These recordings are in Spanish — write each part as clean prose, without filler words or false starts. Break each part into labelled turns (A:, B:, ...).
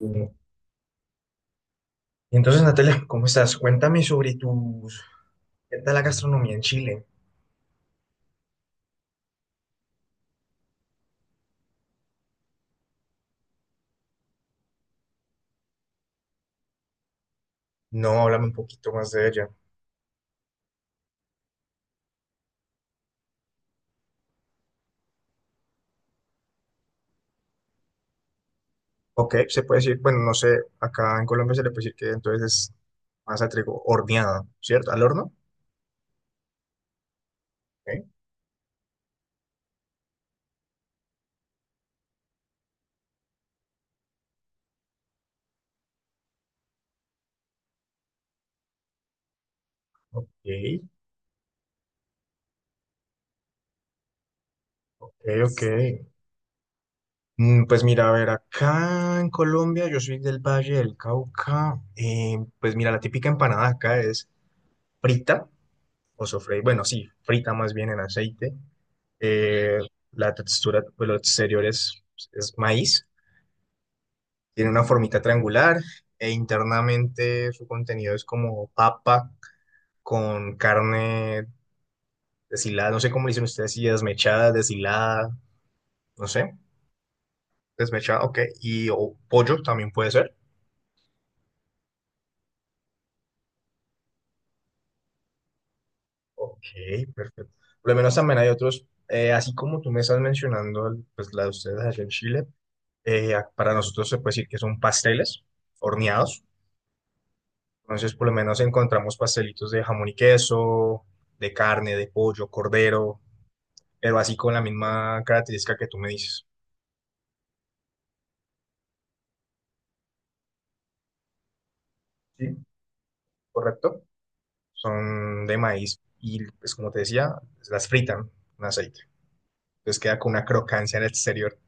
A: Y entonces, Natalia, ¿cómo estás? Cuéntame sobre tus... ¿Qué tal la gastronomía en Chile? No, háblame un poquito más de ella. Ok, se puede decir, bueno, no sé, acá en Colombia se le puede decir que entonces es masa de trigo horneada, ¿cierto? ¿Al horno? Ok, ok, ok. Pues mira, a ver, acá en Colombia, yo soy del Valle del Cauca, pues mira, la típica empanada acá es frita, o sofrey, bueno, sí, frita más bien en aceite. Eh, la textura, pues lo exterior es maíz, tiene una formita triangular e internamente su contenido es como papa con carne deshilada, no sé cómo le dicen ustedes, si desmechada, deshilada, no sé, desmechada, ok, y o pollo también puede ser. Ok, perfecto. Por lo menos también hay otros, así como tú me estás mencionando, pues la de ustedes allá en Chile, para nosotros se puede decir que son pasteles horneados. Entonces, por lo menos encontramos pastelitos de jamón y queso, de carne, de pollo, cordero, pero así con la misma característica que tú me dices. Sí, correcto. Son de maíz y, pues como te decía, las fritan en aceite. Entonces queda con una crocancia en el exterior.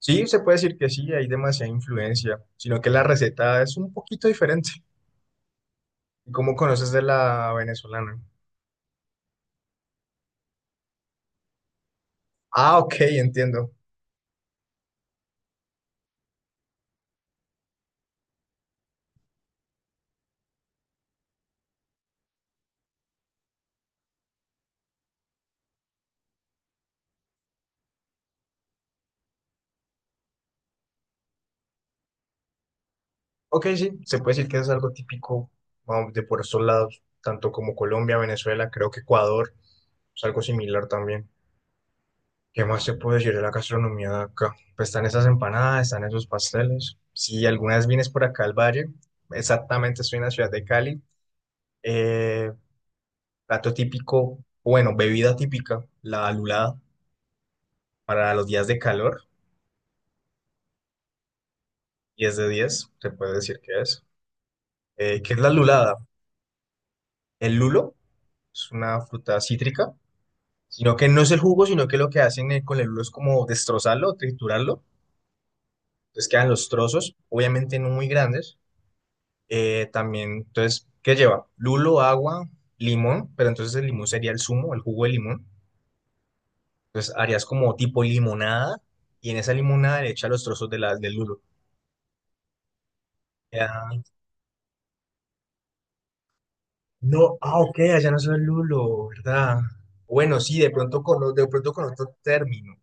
A: Sí, se puede decir que sí, hay demasiada influencia, sino que la receta es un poquito diferente. ¿Cómo conoces de la venezolana? Ah, ok, entiendo. Ok, sí, se puede decir que es algo típico vamos, de por estos lados, tanto como Colombia, Venezuela, creo que Ecuador, es algo similar también. ¿Qué más se puede decir de la gastronomía de acá? Pues están esas empanadas, están esos pasteles. Si alguna vez vienes por acá al valle, exactamente estoy en la ciudad de Cali, eh, plato típico, bueno, bebida típica, la lulada para los días de calor, 10 de 10 se puede decir que es. ¿Qué es la lulada? El lulo es una fruta cítrica, sino que no es el jugo, sino que lo que hacen con el lulo es como destrozarlo, triturarlo, entonces quedan los trozos, obviamente no muy grandes. También, entonces, ¿qué lleva? Lulo, agua, limón, pero entonces el limón sería el zumo, el jugo de limón. Entonces harías como tipo limonada y en esa limonada le echas los trozos de del lulo. Ya. No, ah, ok, allá no soy lulo, ¿verdad? Bueno, sí, de pronto con, de pronto con otro término.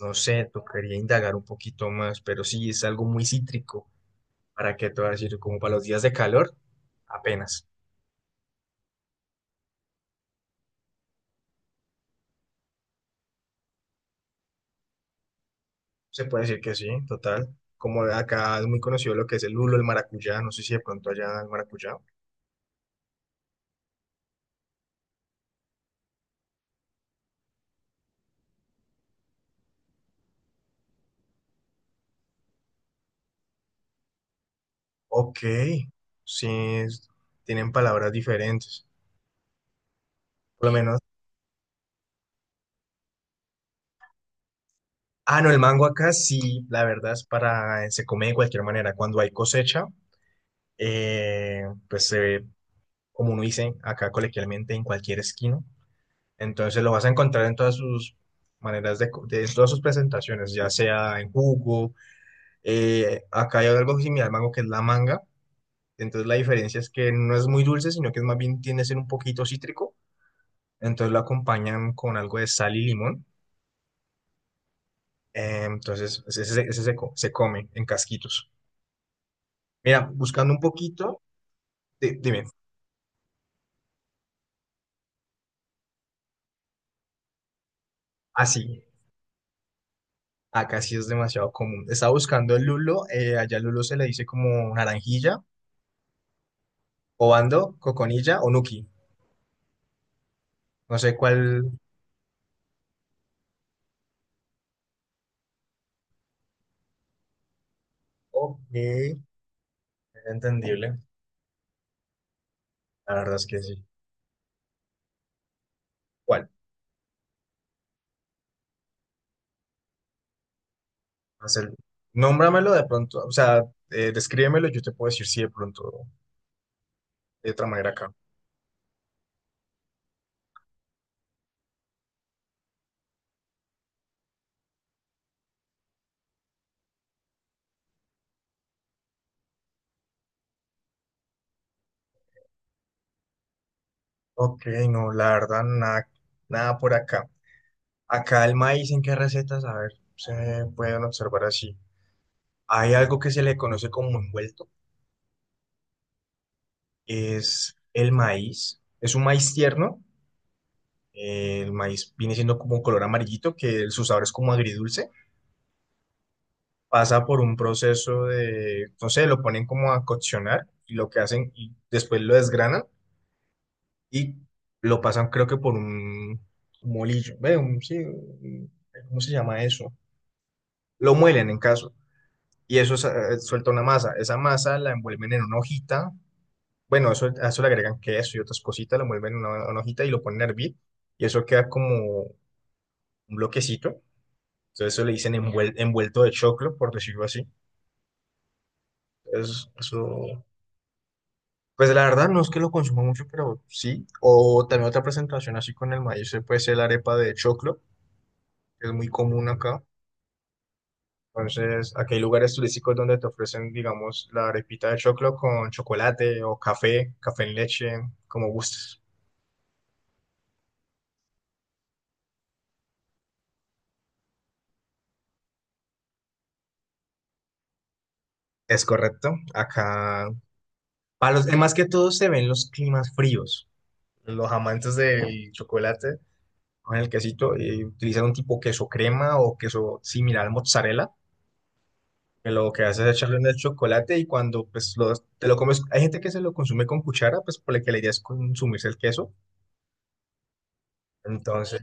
A: No sé, tocaría indagar un poquito más, pero sí, es algo muy cítrico. ¿Para qué te voy a decir? Como para los días de calor, apenas. Se puede decir que sí, total. Como acá es muy conocido lo que es el lulo, el maracuyá, no sé si de pronto allá el maracuyá. Ok, sí, es- tienen palabras diferentes. Por lo menos. Ah, no, el mango acá sí, la verdad es para, se come de cualquier manera. Cuando hay cosecha, pues se ve, como uno dice acá coloquialmente, en cualquier esquina. Entonces lo vas a encontrar en todas sus maneras de, de todas sus presentaciones, ya sea en jugo. Acá hay algo similar al mango que es la manga. Entonces la diferencia es que no es muy dulce, sino que es más bien tiende a ser un poquito cítrico. Entonces lo acompañan con algo de sal y limón. Entonces ese se come en casquitos. Mira, buscando un poquito, dime, así. Acá sí es demasiado común. Estaba buscando el lulo, allá el lulo se le dice como naranjilla, obando, coconilla o nuki. No sé cuál. Ok, es entendible. La verdad es que sí. ¿Cuál? Haz el. Nómbramelo de pronto, o sea, descríbemelo, yo te puedo decir si de pronto de otra manera acá. Ok, no, la verdad, nada, nada por acá. Acá el maíz, ¿en qué recetas? A ver, se pueden observar así. Hay algo que se le conoce como envuelto. Es el maíz. Es un maíz tierno. El maíz viene siendo como un color amarillito, que su sabor es como agridulce. Pasa por un proceso de, no sé, lo ponen como a coccionar y lo que hacen y después lo desgranan y lo pasan creo que por un molillo. Ve, sí, ¿cómo se llama eso? Lo muelen en caso. Y eso suelta una masa. Esa masa la envuelven en una hojita. Bueno, eso, a eso le agregan queso y otras cositas, lo mueven en una hojita y lo ponen a hervir. Y eso queda como un bloquecito. Entonces eso le dicen envuelto de choclo, por decirlo así. Eso, pues la verdad no es que lo consuma mucho, pero sí. O también otra presentación así con el maíz, puede ser la arepa de choclo, que es muy común acá. Entonces, aquí hay lugares turísticos donde te ofrecen, digamos, la arepita de choclo con chocolate o café, café en leche, como gustes. Es correcto. Acá para los demás que todos se ven los climas fríos, los amantes del chocolate con el quesito y utilizan un tipo queso crema o queso similar al mozzarella, que lo que hace es echarle en el chocolate y cuando pues te lo comes, hay gente que se lo consume con cuchara, pues por la que la idea es consumirse el queso. Entonces,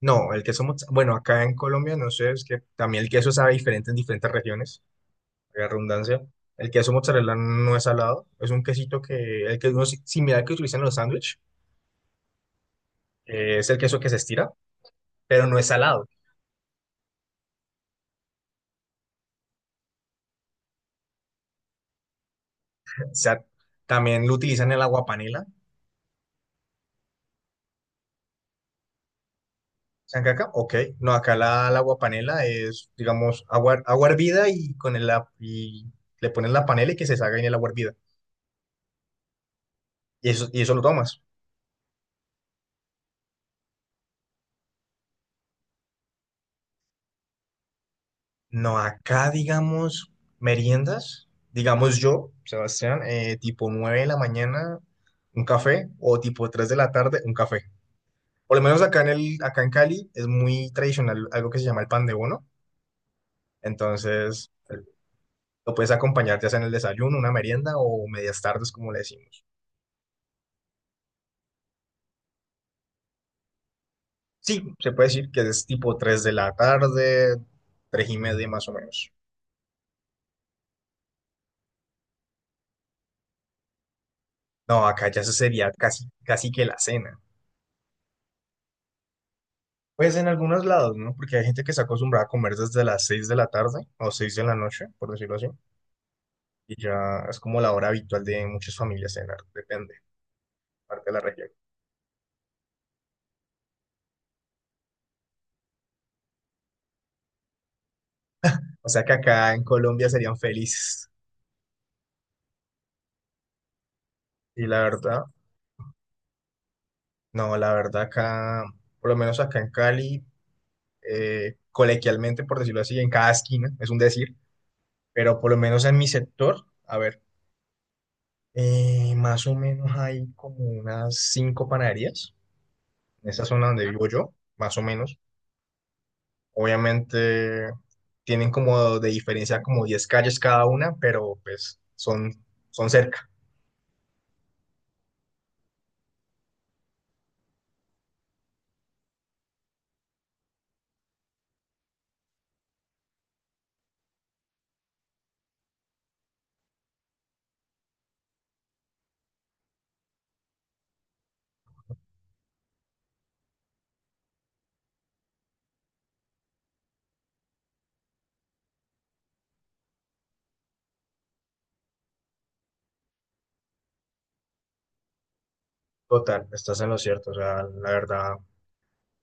A: no, el queso, bueno, acá en Colombia, no sé, es que también el queso sabe diferente en diferentes regiones, la redundancia. El queso mozzarella no es salado, es un quesito que, el que es similar al que utilizan en los sándwiches. Es el queso que se estira, pero no es salado. O sea, también lo utilizan el agua panela. ¿Saben que acá? Ok. No, acá la agua panela es, digamos, agua hervida y, con el, y le ponen la panela y que se salga en el agua hervida. Y eso lo tomas. No, acá, digamos, meriendas, digamos yo, Sebastián, tipo 9 de la mañana, un café, o tipo 3 de la tarde, un café. Por lo menos acá en Cali es muy tradicional algo que se llama el pan de bono. Entonces, lo puedes acompañar ya sea en el desayuno, una merienda o medias tardes, como le decimos. Sí, se puede decir que es tipo 3 de la tarde, 3 y media más o menos. No, acá ya se sería casi, casi que la cena. Pues en algunos lados, ¿no? Porque hay gente que se acostumbra a comer desde las 6 de la tarde o 6 de la noche, por decirlo así. Y ya es como la hora habitual de muchas familias cenar, depende, parte de la región. O sea que acá en Colombia serían felices. Y la verdad, no, la verdad acá, por lo menos acá en Cali, colequialmente, por decirlo así, en cada esquina, es un decir, pero por lo menos en mi sector, a ver, más o menos hay como unas cinco panaderías en esa zona donde vivo yo, más o menos. Obviamente tienen como de diferencia como 10 calles cada una, pero pues son, cerca. Total, estás en lo cierto, o sea, la verdad.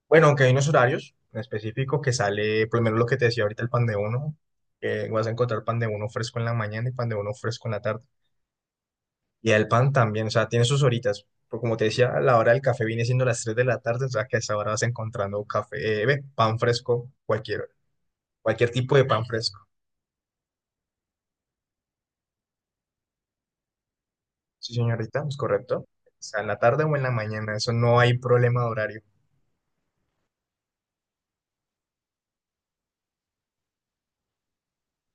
A: Bueno, aunque hay unos horarios en específico que sale, por lo menos lo que te decía ahorita, el pan de uno, que vas a encontrar pan de uno fresco en la mañana y pan de uno fresco en la tarde. Y el pan también, o sea, tiene sus horitas. Pero como te decía, la hora del café viene siendo las 3 de la tarde, o sea que a esa hora vas encontrando café, pan fresco, cualquier tipo de pan fresco. Sí, señorita, es correcto. O sea, en la tarde o en la mañana, eso no hay problema de horario.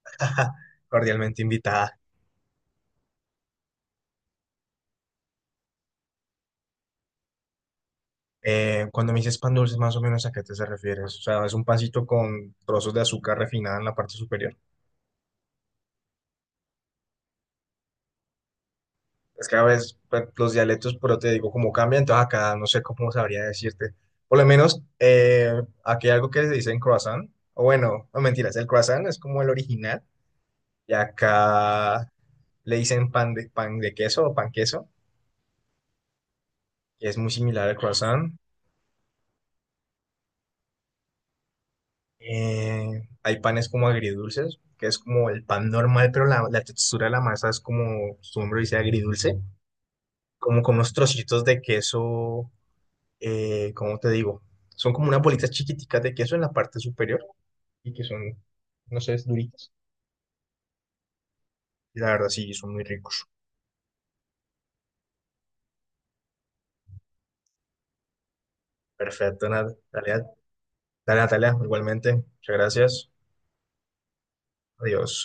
A: Cordialmente invitada. Cuando me dices pan dulce, más o menos a qué te se refieres. O sea, es un pancito con trozos de azúcar refinada en la parte superior. Es que a veces pues, los dialectos, pero te digo, como cambian, entonces acá no sé cómo sabría decirte. Por lo menos, aquí hay algo que se dice en croissant, o bueno, no mentiras, el croissant es como el original, y acá le dicen pan de queso o pan queso, que es muy similar al croissant. Hay panes como agridulces, que es como el pan normal, pero la textura de la masa es como, su nombre dice agridulce, como con unos trocitos de queso. ¿Cómo te digo? Son como unas bolitas chiquiticas de queso en la parte superior y que son, no sé, es duritas. Y la verdad, sí, son muy ricos. Perfecto, Natalia. Dale, Natalia, igualmente. Muchas gracias. Adiós.